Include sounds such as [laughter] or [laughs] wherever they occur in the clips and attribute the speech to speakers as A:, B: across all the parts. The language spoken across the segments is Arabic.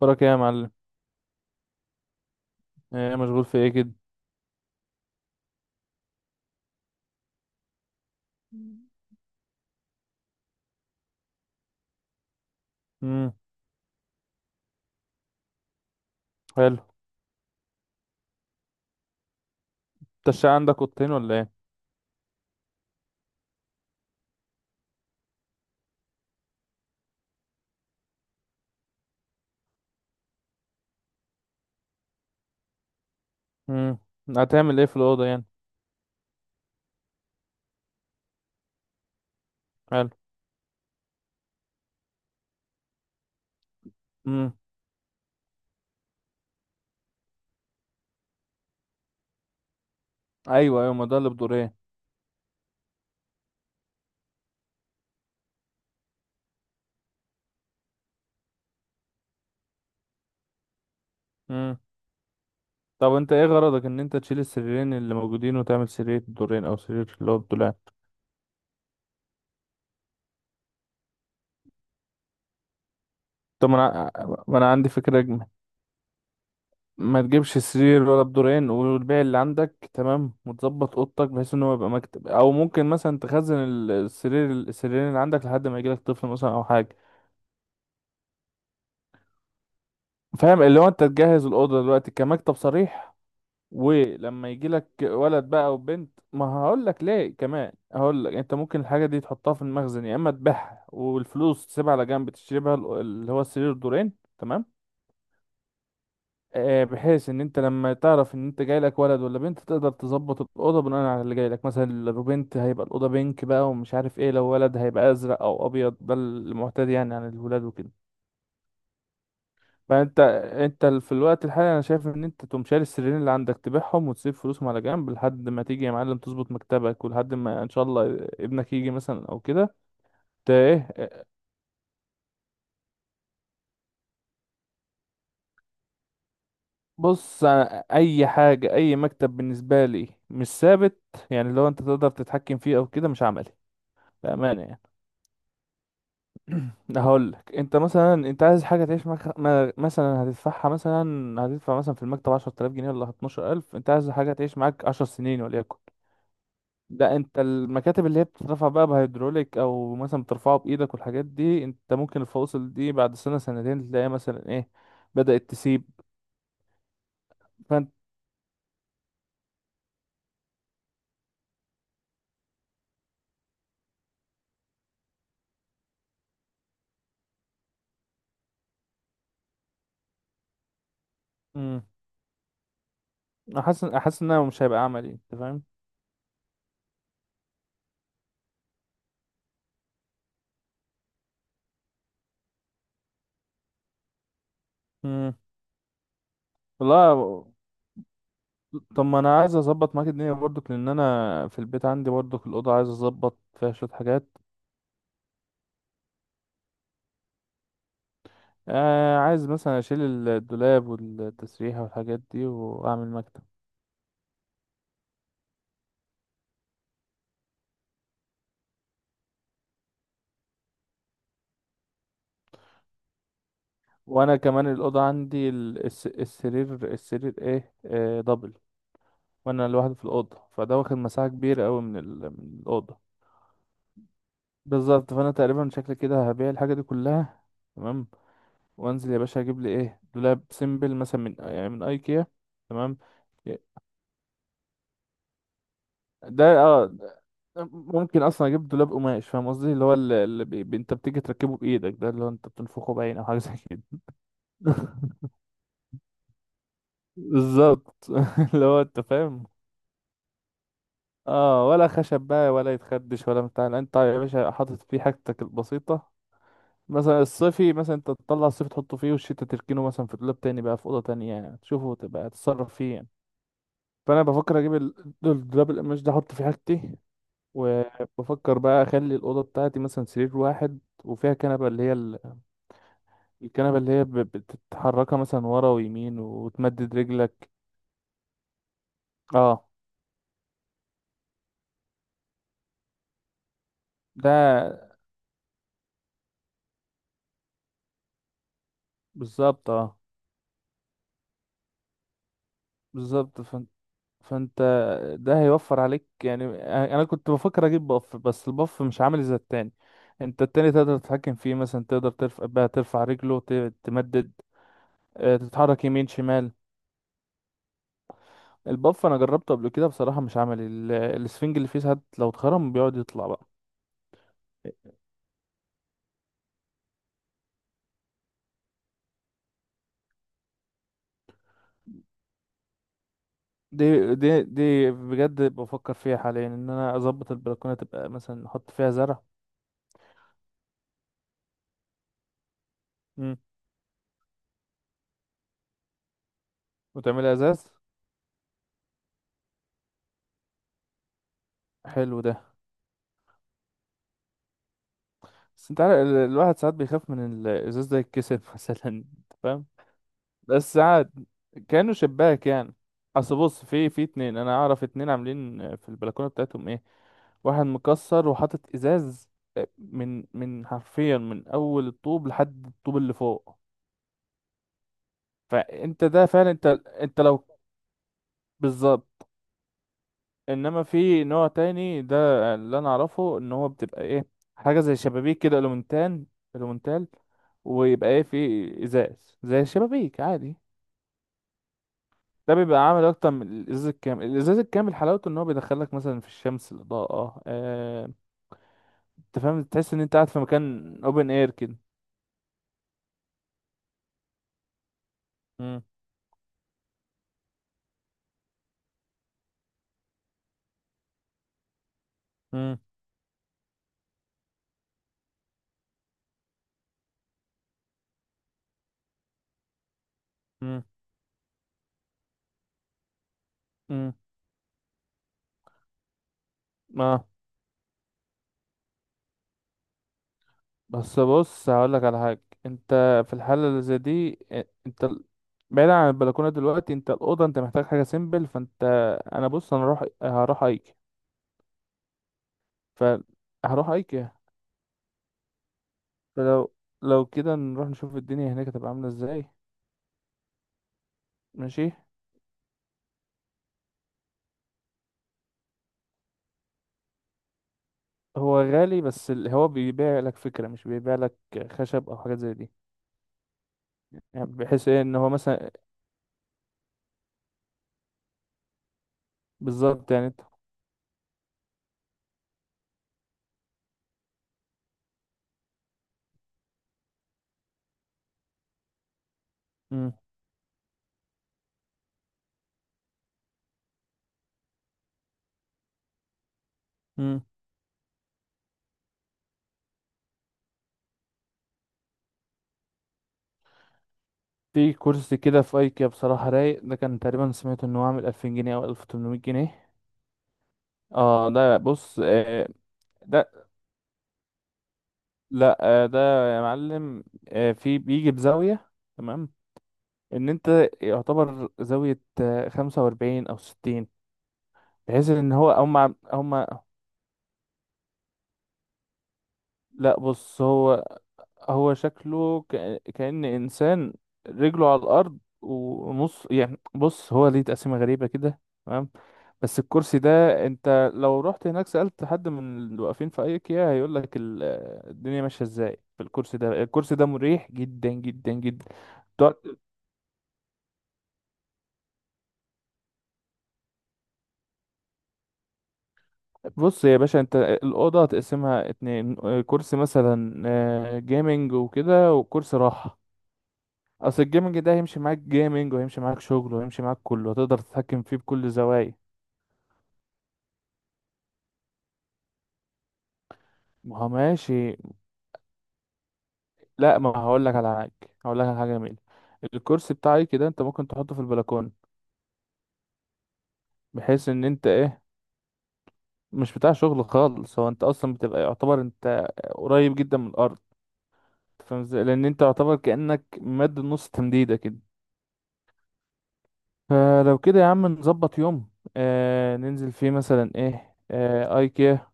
A: وراك ايه يا معلم؟ ايه مشغول في ايه كده؟ امم حلو. انت الشقة عندك اوضتين ولا ايه؟ امم هتعمل ايه في الاوضه يعني؟ حلو. امم ايوه ايوه، ما ده اللي بدورين. امم طب انت ايه غرضك ان انت تشيل السريرين اللي موجودين وتعمل سرير بدورين او سرير اللي هو بدولاب؟ طب ما انا ما انا عندي فكره اجمل. ما تجيبش سرير ولا بدورين، والبيع اللي عندك تمام، وتظبط اوضتك بحيث ان هو يبقى مكتب، او ممكن مثلا تخزن السرير السريرين اللي عندك لحد ما يجيلك طفل مثلا او حاجه. فاهم؟ اللي هو انت تجهز الاوضه دلوقتي كمكتب صريح، ولما يجي لك ولد بقى او بنت، ما هقول لك ليه كمان، هقول لك انت ممكن الحاجه دي تحطها في المخزن يا اما تبيعها والفلوس تسيبها على جنب تشتري بها اللي هو السرير دورين. تمام. بحيث ان انت لما تعرف ان انت جاي لك ولد ولا بنت تقدر تظبط الاوضه بناء على اللي جاي لك. مثلا لو بنت هيبقى الاوضه بينك بقى ومش عارف ايه، لو ولد هيبقى ازرق او ابيض، ده المعتاد يعني عن الولاد وكده. ما انت انت في الوقت الحالي انا شايف ان انت تقوم شاري السريرين اللي عندك تبيعهم وتسيب فلوسهم على جنب لحد ما تيجي يا معلم تظبط مكتبك، ولحد ما ان شاء الله ابنك يجي مثلا او كده. ايه؟ بص انا، اي حاجه اي مكتب بالنسبه لي مش ثابت، يعني لو انت تقدر تتحكم فيه او كده مش عملي. بامانه يعني، هقول لك انت مثلا، انت عايز حاجه تعيش معاك، مثلا هتدفعها مثلا، هتدفع مثلا في المكتب 10000 جنيه ولا 12000، انت عايز حاجه تعيش معاك 10 سنين وليكن. لا، انت المكاتب اللي هي بتترفع بقى بهيدروليك او مثلا بترفعه بايدك والحاجات دي، انت ممكن الفواصل دي بعد سنة سنتين تلاقيها مثلا ايه، بدأت تسيب. فانت مم. احس احس انها مش هيبقى عملي، انت فاهم؟ مم. والله طب ما انا عايز اظبط معاك الدنيا برضك، لان انا في البيت عندي برضك الاوضه عايز اظبط فيها شويه حاجات. آه، عايز مثلا اشيل الدولاب والتسريحه والحاجات دي واعمل مكتب. وانا كمان الاوضه عندي السرير، السرير ايه، آه، دبل، وانا لوحدي في الاوضه، فده واخد مساحه كبيره قوي من الاوضه. بالظبط. فانا تقريبا شكل كده هبيع الحاجه دي كلها. تمام. وانزل يا باشا اجيب لي ايه، دولاب سيمبل مثلا من يعني من ايكيا. تمام. ده اه ممكن اصلا اجيب دولاب قماش، فاهم قصدي؟ اللي هو انت بتيجي تركبه بايدك، ده اللي هو انت بتنفخه باين او حاجه زي كده. [laughs] بالظبط. [laughs] اللي هو انت فاهم. اه، ولا خشب بقى ولا يتخدش ولا بتاع، لا، انت يا باشا حاطط فيه حاجتك البسيطة. مثلا الصيفي، مثلا انت تطلع الصيف تحطه فيه والشتا تركنه مثلا في دولاب تاني بقى في اوضه تانية، يعني تشوفه، تبقى تتصرف فيه يعني. فانا بفكر اجيب الدولاب القماش ده احط فيه حاجتي. وبفكر بقى اخلي الاوضه بتاعتي مثلا سرير واحد، وفيها كنبه، اللي هي الكنبه اللي هي بتتحركها مثلا ورا ويمين وتمدد رجلك. اه، ده بالظبط اه. بالظبط. فانت ده هيوفر عليك يعني. انا كنت بفكر اجيب باف، بس الباف مش عامل زي التاني. انت التاني تقدر تتحكم فيه، مثلا تقدر ترفع بقى، ترفع رجله، تمدد، آه، تتحرك يمين شمال. الباف انا جربته قبل كده، بصراحة مش عملي، السفنج اللي فيه ساعات لو اتخرم بيقعد يطلع بقى. دي بجد بفكر فيها حاليا ان انا اظبط البلكونه، تبقى مثلا نحط فيها زرع. مم. وتعملها ازاز. حلو ده. بس انت عارف الواحد ساعات بيخاف من الازاز ده يتكسر [laughs] مثلا، انت فاهم. بس عاد كانوا شباك يعني. اصل بص، في اتنين، انا اعرف اتنين عاملين في البلكونه بتاعتهم ايه، واحد مكسر وحاطط ازاز، آه، من حرفيا من اول الطوب لحد الطوب اللي فوق. فانت ده فعلا انت، انت لو، بالظبط. انما في نوع تاني ده اللي انا اعرفه ان هو بتبقى ايه، حاجه زي شبابيك كده الومنتال، الومنتال، ويبقى ايه، في ازاز زي الشبابيك عادي. ده بيبقى عامل اكتر من الازاز الكامل. الازاز الكامل حلاوته ان هو بيدخلك مثلا في الشمس، الاضاءه، آه، آه، انت فاهم، تحس ان انت قاعد في مكان اوبن اير كده. مم. مم. مم. مم. ما بس بص هقول لك على حاجه. انت في الحاله اللي زي دي، آه، انت بعيد عن البلكونه دلوقتي، انت الاوضه انت محتاج حاجه سيمبل. فانت، انا بص انا هروح ايكيا. ف هروح ايكيا. فلو لو كده نروح نشوف الدنيا هناك هتبقى عامله ازاي. ماشي. هو غالي، بس هو بيبيع لك فكرة، مش بيبيع لك خشب او حاجات زي دي. يعني بحيث ايه ان هو مثلا، بالظبط يعني انت، مم. مم. في كرسي كده في ايكيا بصراحة رايق، ده كان تقريبا سمعت انه عامل 2000 جنيه او 1800 جنيه. اه ده بص، آه ده لا، آه ده يا معلم، آه في بيجي بزاوية. تمام. ان انت يعتبر زاوية آه 45 او 60، بحيث ان هو هم. لا بص، هو شكله كأن إنسان رجله على الأرض ونص، يعني بص هو ليه تقسيمة غريبة كده. تمام. بس الكرسي ده، انت لو رحت هناك سألت حد من اللي واقفين في ايكيا هيقول لك الدنيا ماشية ازاي في الكرسي ده. الكرسي ده مريح جدا جدا جدا. تقعد- بص يا باشا، انت الأوضة هتقسمها اتنين، آه، كرسي مثلا آه جيمنج وكده، وكرسي راحة. اصل الجيمنج ده هيمشي معاك جيمنج، وهيمشي معاك شغل، وهيمشي معاك كله، هتقدر تتحكم فيه بكل زوايا. ما هو ماشي. لا، ما هقول لك على حاجه. هقول لك على حاجه جميله، الكرسي بتاعي كده انت ممكن تحطه في البلكونه، بحيث ان انت ايه، مش بتاع شغل خالص، هو انت اصلا بتبقى يعتبر انت قريب جدا من الارض، فاهم ازاي؟ لان انت يعتبر كانك مد نص تمديده كده. فلو كده يا عم نظبط يوم، آه ننزل فيه مثلا ايه، آه ايكيا،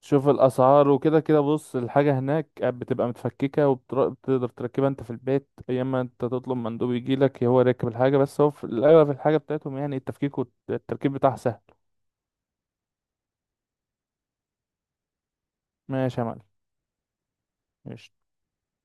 A: شوف الاسعار وكده كده. بص، الحاجه هناك بتبقى متفككه وبتقدر تركبها انت في البيت، يا اما انت تطلب مندوب يجي لك هو راكب الحاجه، بس هو في الاغلب الحاجه بتاعتهم يعني التفكيك والتركيب بتاعها سهل. ماشي يا معلم. ماشي.